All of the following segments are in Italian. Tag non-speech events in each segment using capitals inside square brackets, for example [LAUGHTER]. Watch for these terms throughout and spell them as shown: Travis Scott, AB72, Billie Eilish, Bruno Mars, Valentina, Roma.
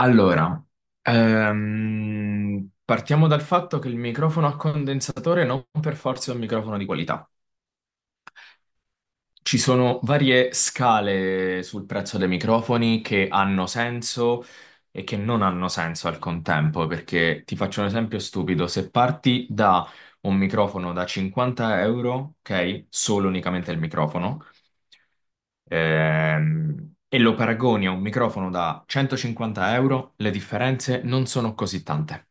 Allora, partiamo dal fatto che il microfono a condensatore non per forza è un microfono di qualità. Ci sono varie scale sul prezzo dei microfoni che hanno senso e che non hanno senso al contempo, perché ti faccio un esempio stupido. Se parti da un microfono da 50 euro, ok, solo unicamente il microfono. E lo paragoni a un microfono da 150 euro, le differenze non sono così tante.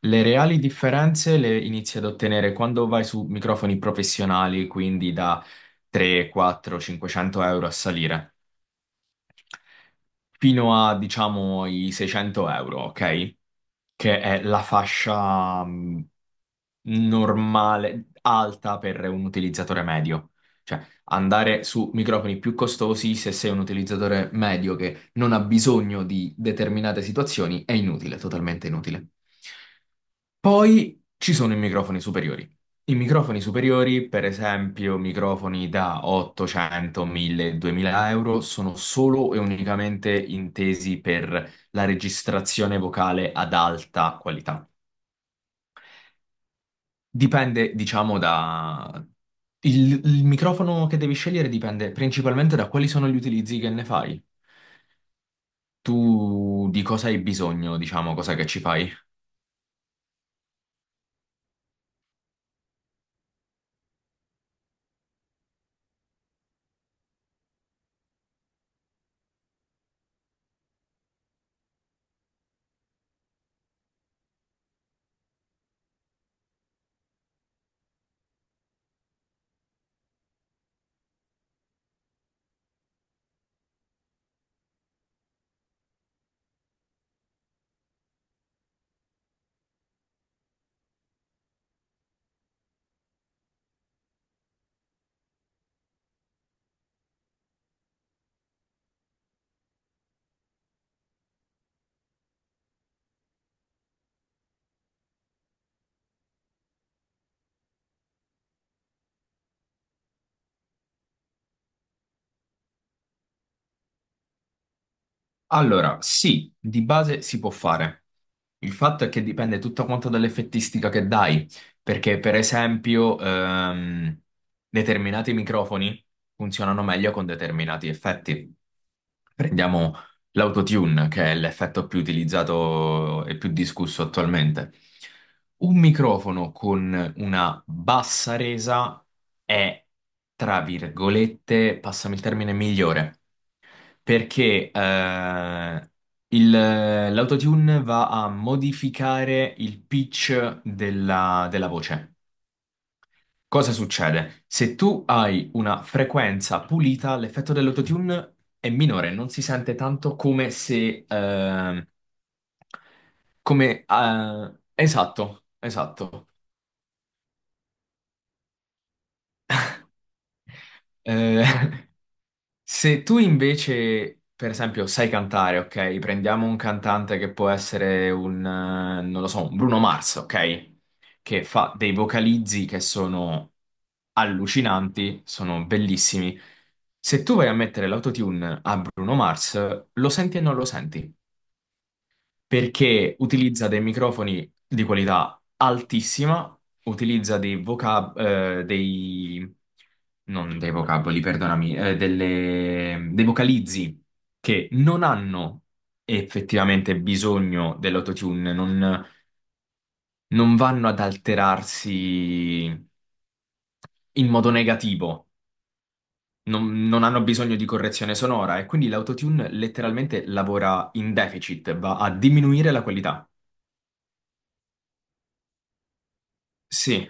Le reali differenze le inizi ad ottenere quando vai su microfoni professionali, quindi da 3, 4, 500 euro a salire fino a, diciamo, i 600 euro, ok? Che è la fascia normale, alta per un utilizzatore medio. Cioè, andare su microfoni più costosi se sei un utilizzatore medio che non ha bisogno di determinate situazioni è inutile, totalmente inutile. Poi ci sono i microfoni superiori. I microfoni superiori, per esempio, microfoni da 800, 1000, 2000 euro, sono solo e unicamente intesi per la registrazione vocale ad alta qualità. Dipende, diciamo, da... Il microfono che devi scegliere dipende principalmente da quali sono gli utilizzi che ne fai. Tu di cosa hai bisogno, diciamo, cosa che ci fai? Allora, sì, di base si può fare. Il fatto è che dipende tutto quanto dall'effettistica che dai, perché per esempio determinati microfoni funzionano meglio con determinati effetti. Prendiamo l'autotune, che è l'effetto più utilizzato e più discusso attualmente. Un microfono con una bassa resa è, tra virgolette, passami il termine, migliore perché l'autotune va a modificare il pitch della voce. Cosa succede? Se tu hai una frequenza pulita, l'effetto dell'autotune è minore, non si sente tanto come se... come... esatto, esatto. Eh, [LAUGHS] Se tu invece, per esempio, sai cantare, ok? Prendiamo un cantante che può essere non lo so, un Bruno Mars, ok? Che fa dei vocalizzi che sono allucinanti, sono bellissimi. Se tu vai a mettere l'autotune a Bruno Mars, lo senti e non lo senti perché utilizza dei microfoni di qualità altissima, utilizza non dei vocaboli, perdonami, dei vocalizzi che non hanno effettivamente bisogno dell'autotune, non vanno ad alterarsi in modo negativo. Non hanno bisogno di correzione sonora e quindi l'autotune letteralmente lavora in deficit, va a diminuire la qualità. Sì.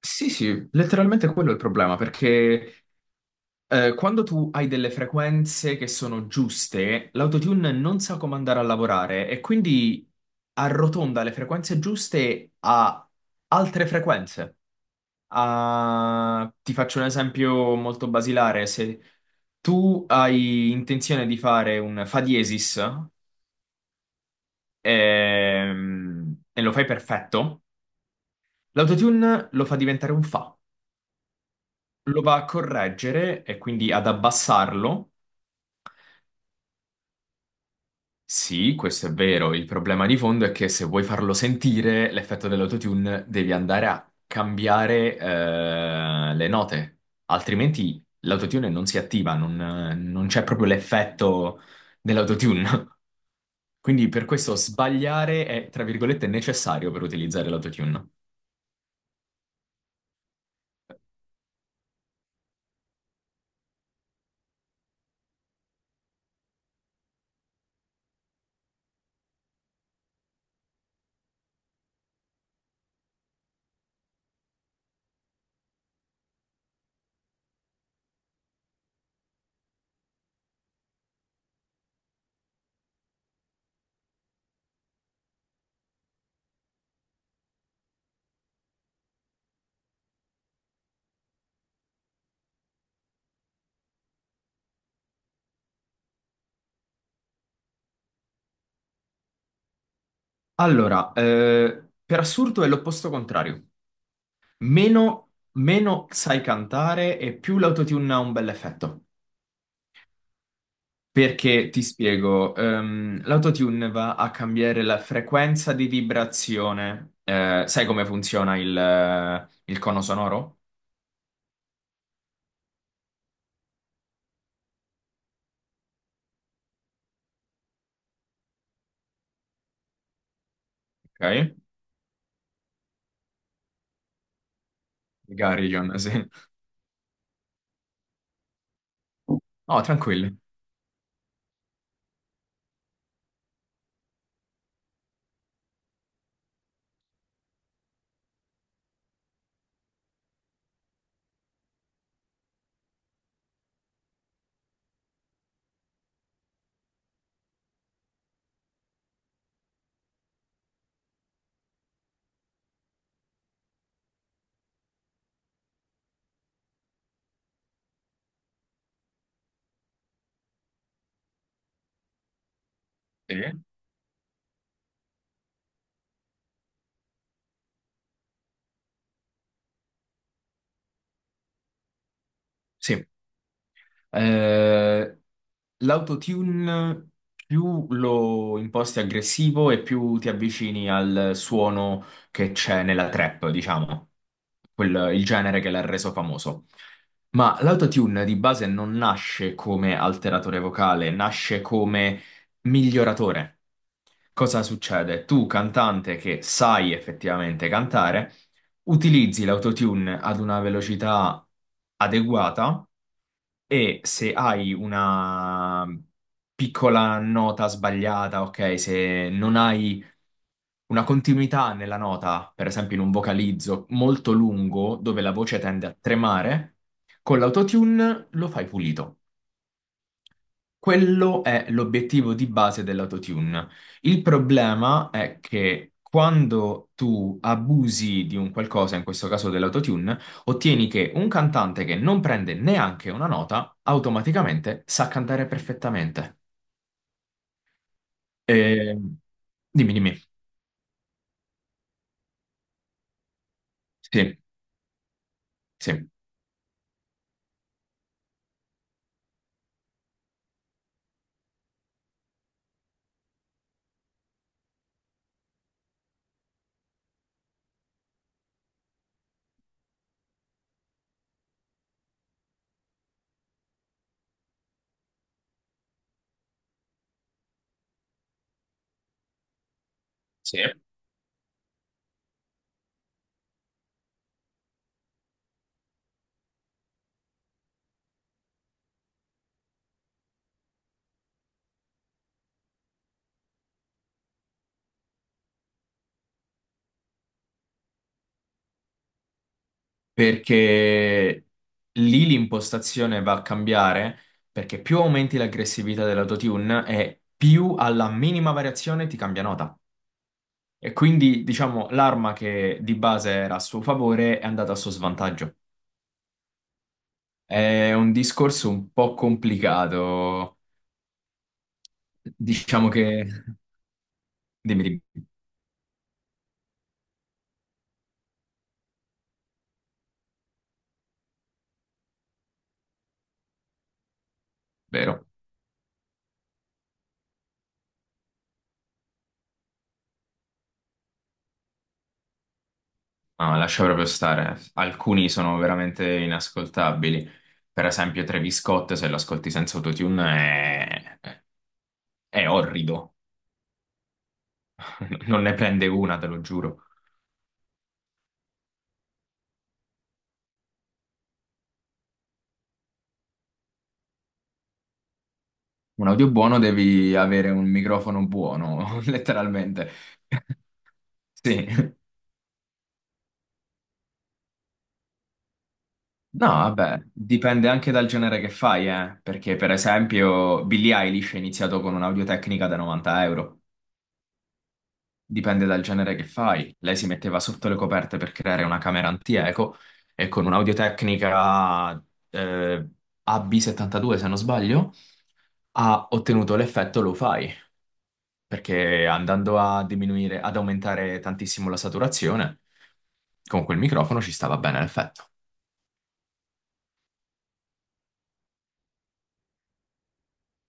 Sì, sì, letteralmente quello è il problema, perché quando tu hai delle frequenze che sono giuste, l'autotune non sa come andare a lavorare e quindi arrotonda le frequenze giuste a altre frequenze. Ti faccio un esempio molto basilare, se tu hai intenzione di fare un fa diesis e lo fai perfetto, l'autotune lo fa diventare un fa. Lo va a correggere e quindi ad abbassarlo. Sì, questo è vero. Il problema di fondo è che se vuoi farlo sentire l'effetto dell'autotune, devi andare a cambiare le note, altrimenti l'autotune non si attiva, non c'è proprio l'effetto dell'autotune. [LAUGHS] Quindi per questo sbagliare è, tra virgolette, necessario per utilizzare l'autotune. Allora, per assurdo è l'opposto contrario. Meno, meno sai cantare e più l'autotune ha un bel effetto. Perché ti spiego, l'autotune va a cambiare la frequenza di vibrazione. Sai come funziona il cono sonoro? Ok? Il Garrigion, sì. Oh, tranquilli. Sì. Sì. Eh, l'autotune più lo imposti aggressivo e più ti avvicini al suono che c'è nella trap, diciamo, il genere che l'ha reso famoso. Ma l'autotune di base non nasce come alteratore vocale, nasce come miglioratore. Cosa succede? Tu, cantante che sai effettivamente cantare, utilizzi l'autotune ad una velocità adeguata e se hai una piccola nota sbagliata, ok, se non hai una continuità nella nota, per esempio in un vocalizzo molto lungo dove la voce tende a tremare, con l'autotune lo fai pulito. Quello è l'obiettivo di base dell'autotune. Il problema è che quando tu abusi di un qualcosa, in questo caso dell'autotune, ottieni che un cantante che non prende neanche una nota automaticamente sa cantare perfettamente. E- Dimmi, dimmi. Sì, sì. Sì. Perché lì l'impostazione va a cambiare perché più aumenti l'aggressività dell'autotune e più alla minima variazione ti cambia nota. E quindi, diciamo, l'arma che di base era a suo favore è andata a suo svantaggio. È un discorso un po' complicato. Diciamo che... Dimmi, dimmi. Vero. No, lascia proprio stare. Alcuni sono veramente inascoltabili. Per esempio, Travis Scott, se lo ascolti senza autotune, è orrido. [LAUGHS] Non ne prende una, te lo giuro. Un audio buono devi avere un microfono buono, [LAUGHS] letteralmente. [LAUGHS] Sì. No, vabbè, dipende anche dal genere che fai, perché per esempio Billie Eilish è iniziato con un'audiotecnica da 90 euro. Dipende dal genere che fai. Lei si metteva sotto le coperte per creare una camera anti-eco e con un'audiotecnica eh, AB72, se non sbaglio, ha ottenuto l'effetto lo-fi, perché andando a diminuire, ad aumentare tantissimo la saturazione, con quel microfono ci stava bene l'effetto.